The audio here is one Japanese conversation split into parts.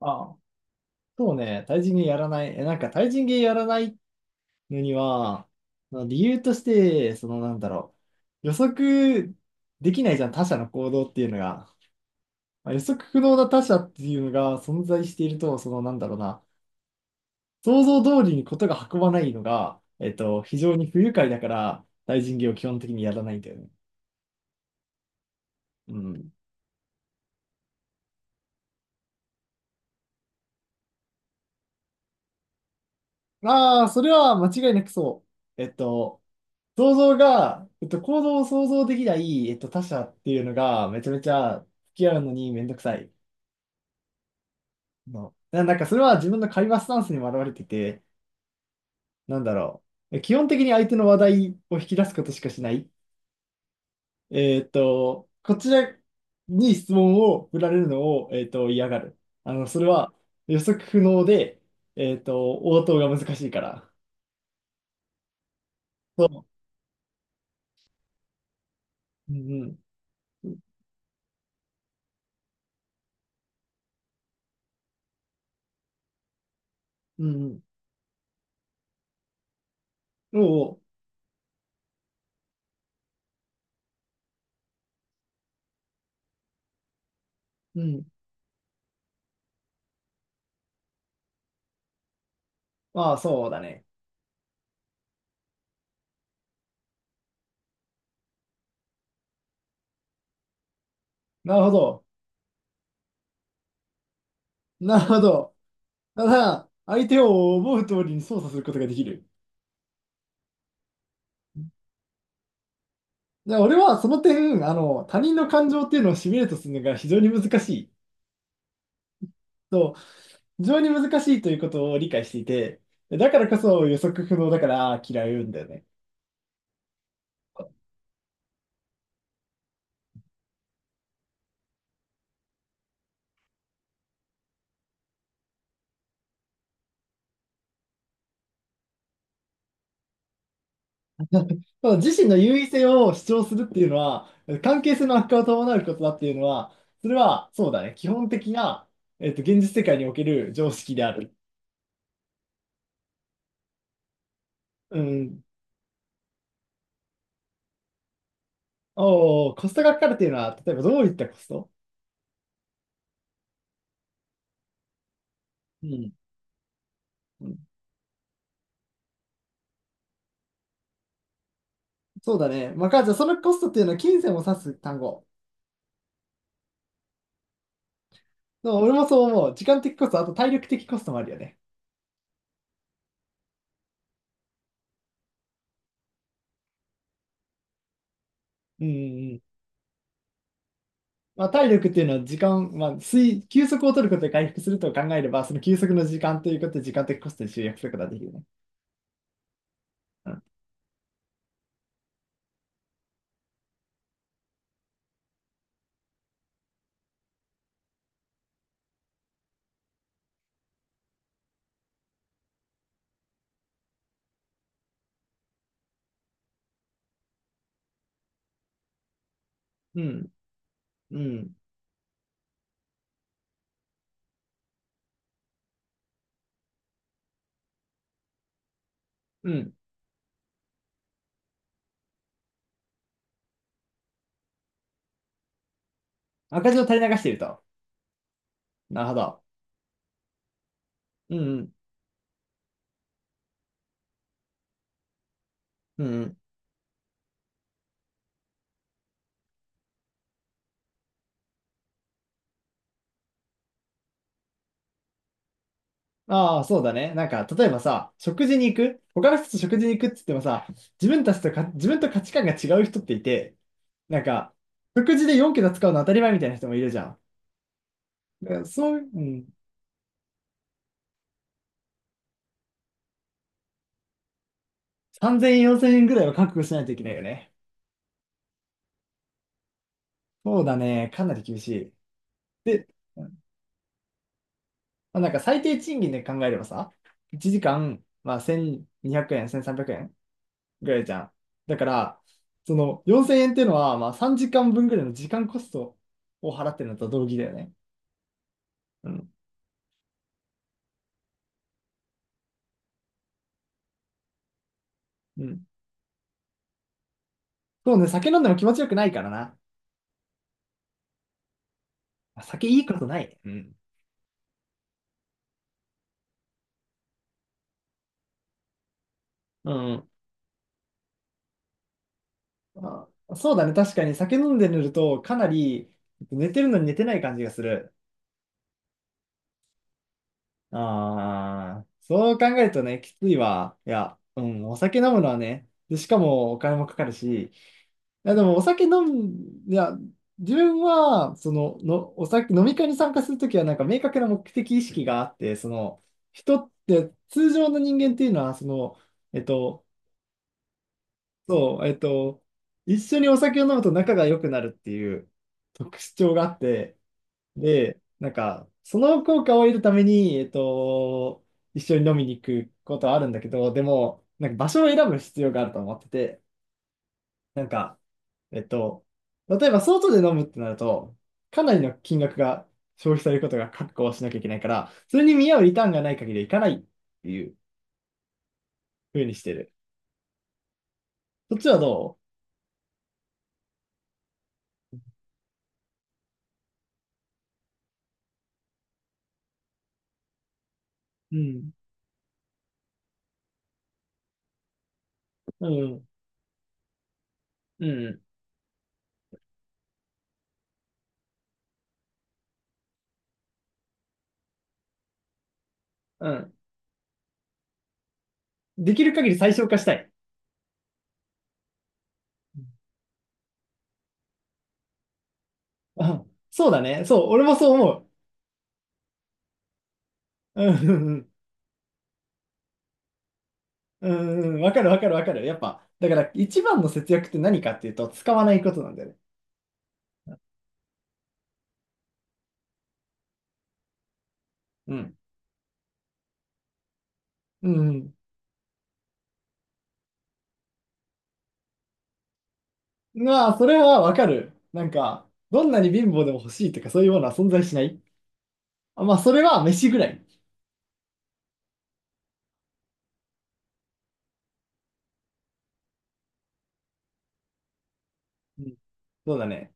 あ、そうね、対人芸やらない。なんか対人芸やらないのには、まあ理由として、予測できないじゃん、他者の行動っていうのが。まあ予測不能な他者っていうのが存在していると、そのなんだろうな、想像通りにことが運ばないのが、非常に不愉快だから、対人芸を基本的にやらないんだよね。うん。ああ、それは間違いなくそう。想像が、行動を想像できない、他者っていうのが、めちゃめちゃ付き合うのにめんどくさいの。なんか、それは自分の会話スタンスにも表れてて、なんだろ基本的に相手の話題を引き出すことしかしない。こちらに質問を振られるのを、嫌がる。それは予測不能で、応答が難しいから。そう。うんうん。うんうん。おうおう。うん。ああ、そうだね。なるほど。なるほど。ただ、相手を思う通りに操作することができる。で、俺はその点、他人の感情っていうのをシミュレートするのが非常に難しい。そう、非常に難しいということを理解していて、だからこそ予測不能だから嫌いうんだよね。ただ自身の優位性を主張するっていうのは、関係性の悪化を伴うことだっていうのは、それはそうだね。基本的な、現実世界における常識である。うん。おーコストがかかるっていうのは、例えばどういったコスト？うん。そうだね。まあ、じゃあそのコストっていうのは金銭を指す単語。でも俺もそう思う。時間的コスト、あと体力的コストもあるよね。うんうんうん。まあ、体力っていうのは時間、まあ、水、休息を取ることで回復すると考えれば、その休息の時間ということで時間的コストに集約することができるね。うん。うん。うん。うん。赤字を垂れ流していると。なるほど。うんうん。うん。ああ、そうだね。なんか、例えばさ、食事に行く他の人と食事に行くって言ってもさ、自分たちとか、自分と価値観が違う人っていて、なんか、食事で4桁使うの当たり前みたいな人もいるじゃん。だからそういう、うん、3000円、4000円ぐらいは覚悟しないといけないよね。そうだね。かなり厳しい。で、うん、まあ、なんか最低賃金で考えればさ、1時間、まあ、1200円、1300円ぐらいじゃん。だから、その4000円っていうのは、まあ、3時間分ぐらいの時間コストを払ってるのと同義だよね。うん。うん。そうね、酒飲んでも気持ちよくないからな。あ、酒いいことない。うん。うん。あ、そうだね、確かに酒飲んで寝ると、かなり寝てるのに寝てない感じがする。ああ、そう考えるとね、きついわ。いや、うん、お酒飲むのはね、で、しかもお金もかかるし、いや、でもお酒飲む、いや、自分は、その、お酒、飲み会に参加するときは、なんか明確な目的意識があって、その、人って、通常の人間っていうのは、その、えっと、そう、一緒にお酒を飲むと仲が良くなるっていう特徴があって、で、なんか、その効果を得るために、一緒に飲みに行くことはあるんだけど、でも、なんか場所を選ぶ必要があると思ってて、なんか、えっと、例えば外で飲むってなると、かなりの金額が消費されることが確保しなきゃいけないから、それに見合うリターンがない限り行かないっていう風にしてる。そっちはどう？うん。うん。うん。うん。できる限り最小化したい。あ、そうだね。そう、俺もそう思う。うん、うん、うんうん、わかるわかるわかる。やっぱ、だから一番の節約って何かっていうと、使わないことなんだよね。うん。うんうん。まあ、それはわかる。なんか、どんなに貧乏でも欲しいとか、そういうものは存在しない。あ、まあ、それは飯ぐらい。うん。そうだね。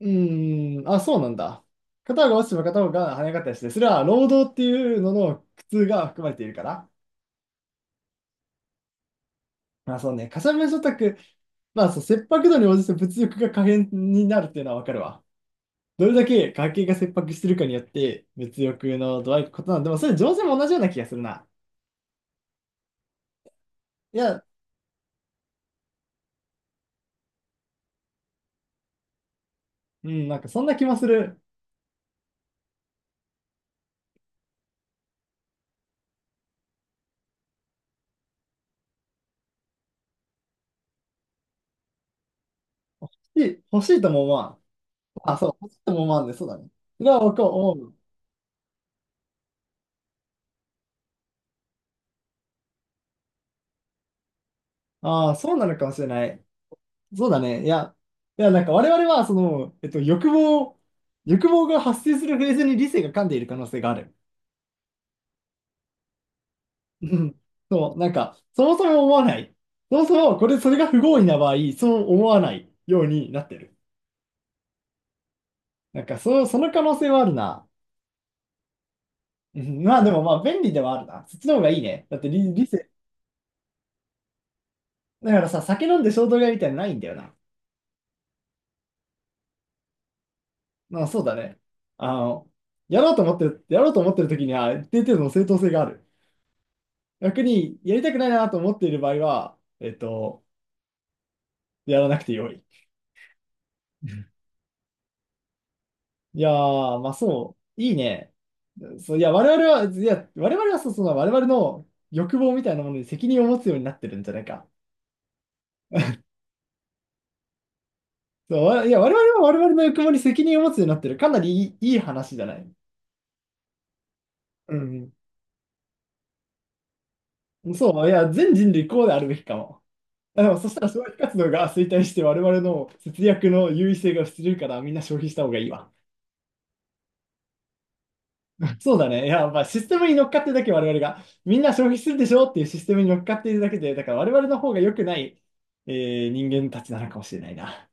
うーん、あ、そうなんだ。片方が落ちても片方が跳ね上がったりして、それは労働っていうのの苦痛が含まれているから。まあそうね、かさ増しオタク、まあそう、切迫度に応じて物欲が可変になるっていうのはわかるわ。どれだけ家計が切迫してるかによって、物欲の度合いが異なる。でもそれ上手も同じような気がするな。いや、うん、なんかそんな気もする。欲しいとも思わん。あ、そう、欲しいとも思わんで、そうだね。それは僕は思う。ああ、そうなのかもしれない。そうだね。いや、いや、なんか我々は、その、欲望が発生するフェーズに理性が噛んでいる可能性がある。うん。そう、なんか、そもそも思わない。そもそも、それが不合意な場合、そう思わないようになってる。なんか、その可能性はあるな。うん、まあ、でも、まあ、便利ではあるな。そっちの方がいいね。だって、理性。だからさ、酒飲んで衝動買いみたいなのないんだよな。まあ、そうだね。あの、やろうと思ってる時には、ある程度の正当性がある。逆に、やりたくないなと思っている場合は、やらなくてよい。いやー、まあそう、いいね。そう、いや、我々は、いや、我々はそう、その我々の欲望みたいなものに責任を持つようになってるんじゃないか。そう、いや、我々は我々の欲望に責任を持つようになってる。かなりいい話じゃない。うん。そう、いや、全人類こうであるべきかも。あでも、そしたら消費活動が衰退して我々の節約の優位性が失せるからみんな消費した方がいいわ。そうだね。いや、まあ、システムに乗っかってるだけ我々が、みんな消費するでしょっていうシステムに乗っかっているだけで、だから我々の方が良くない、人間たちなのかもしれないな。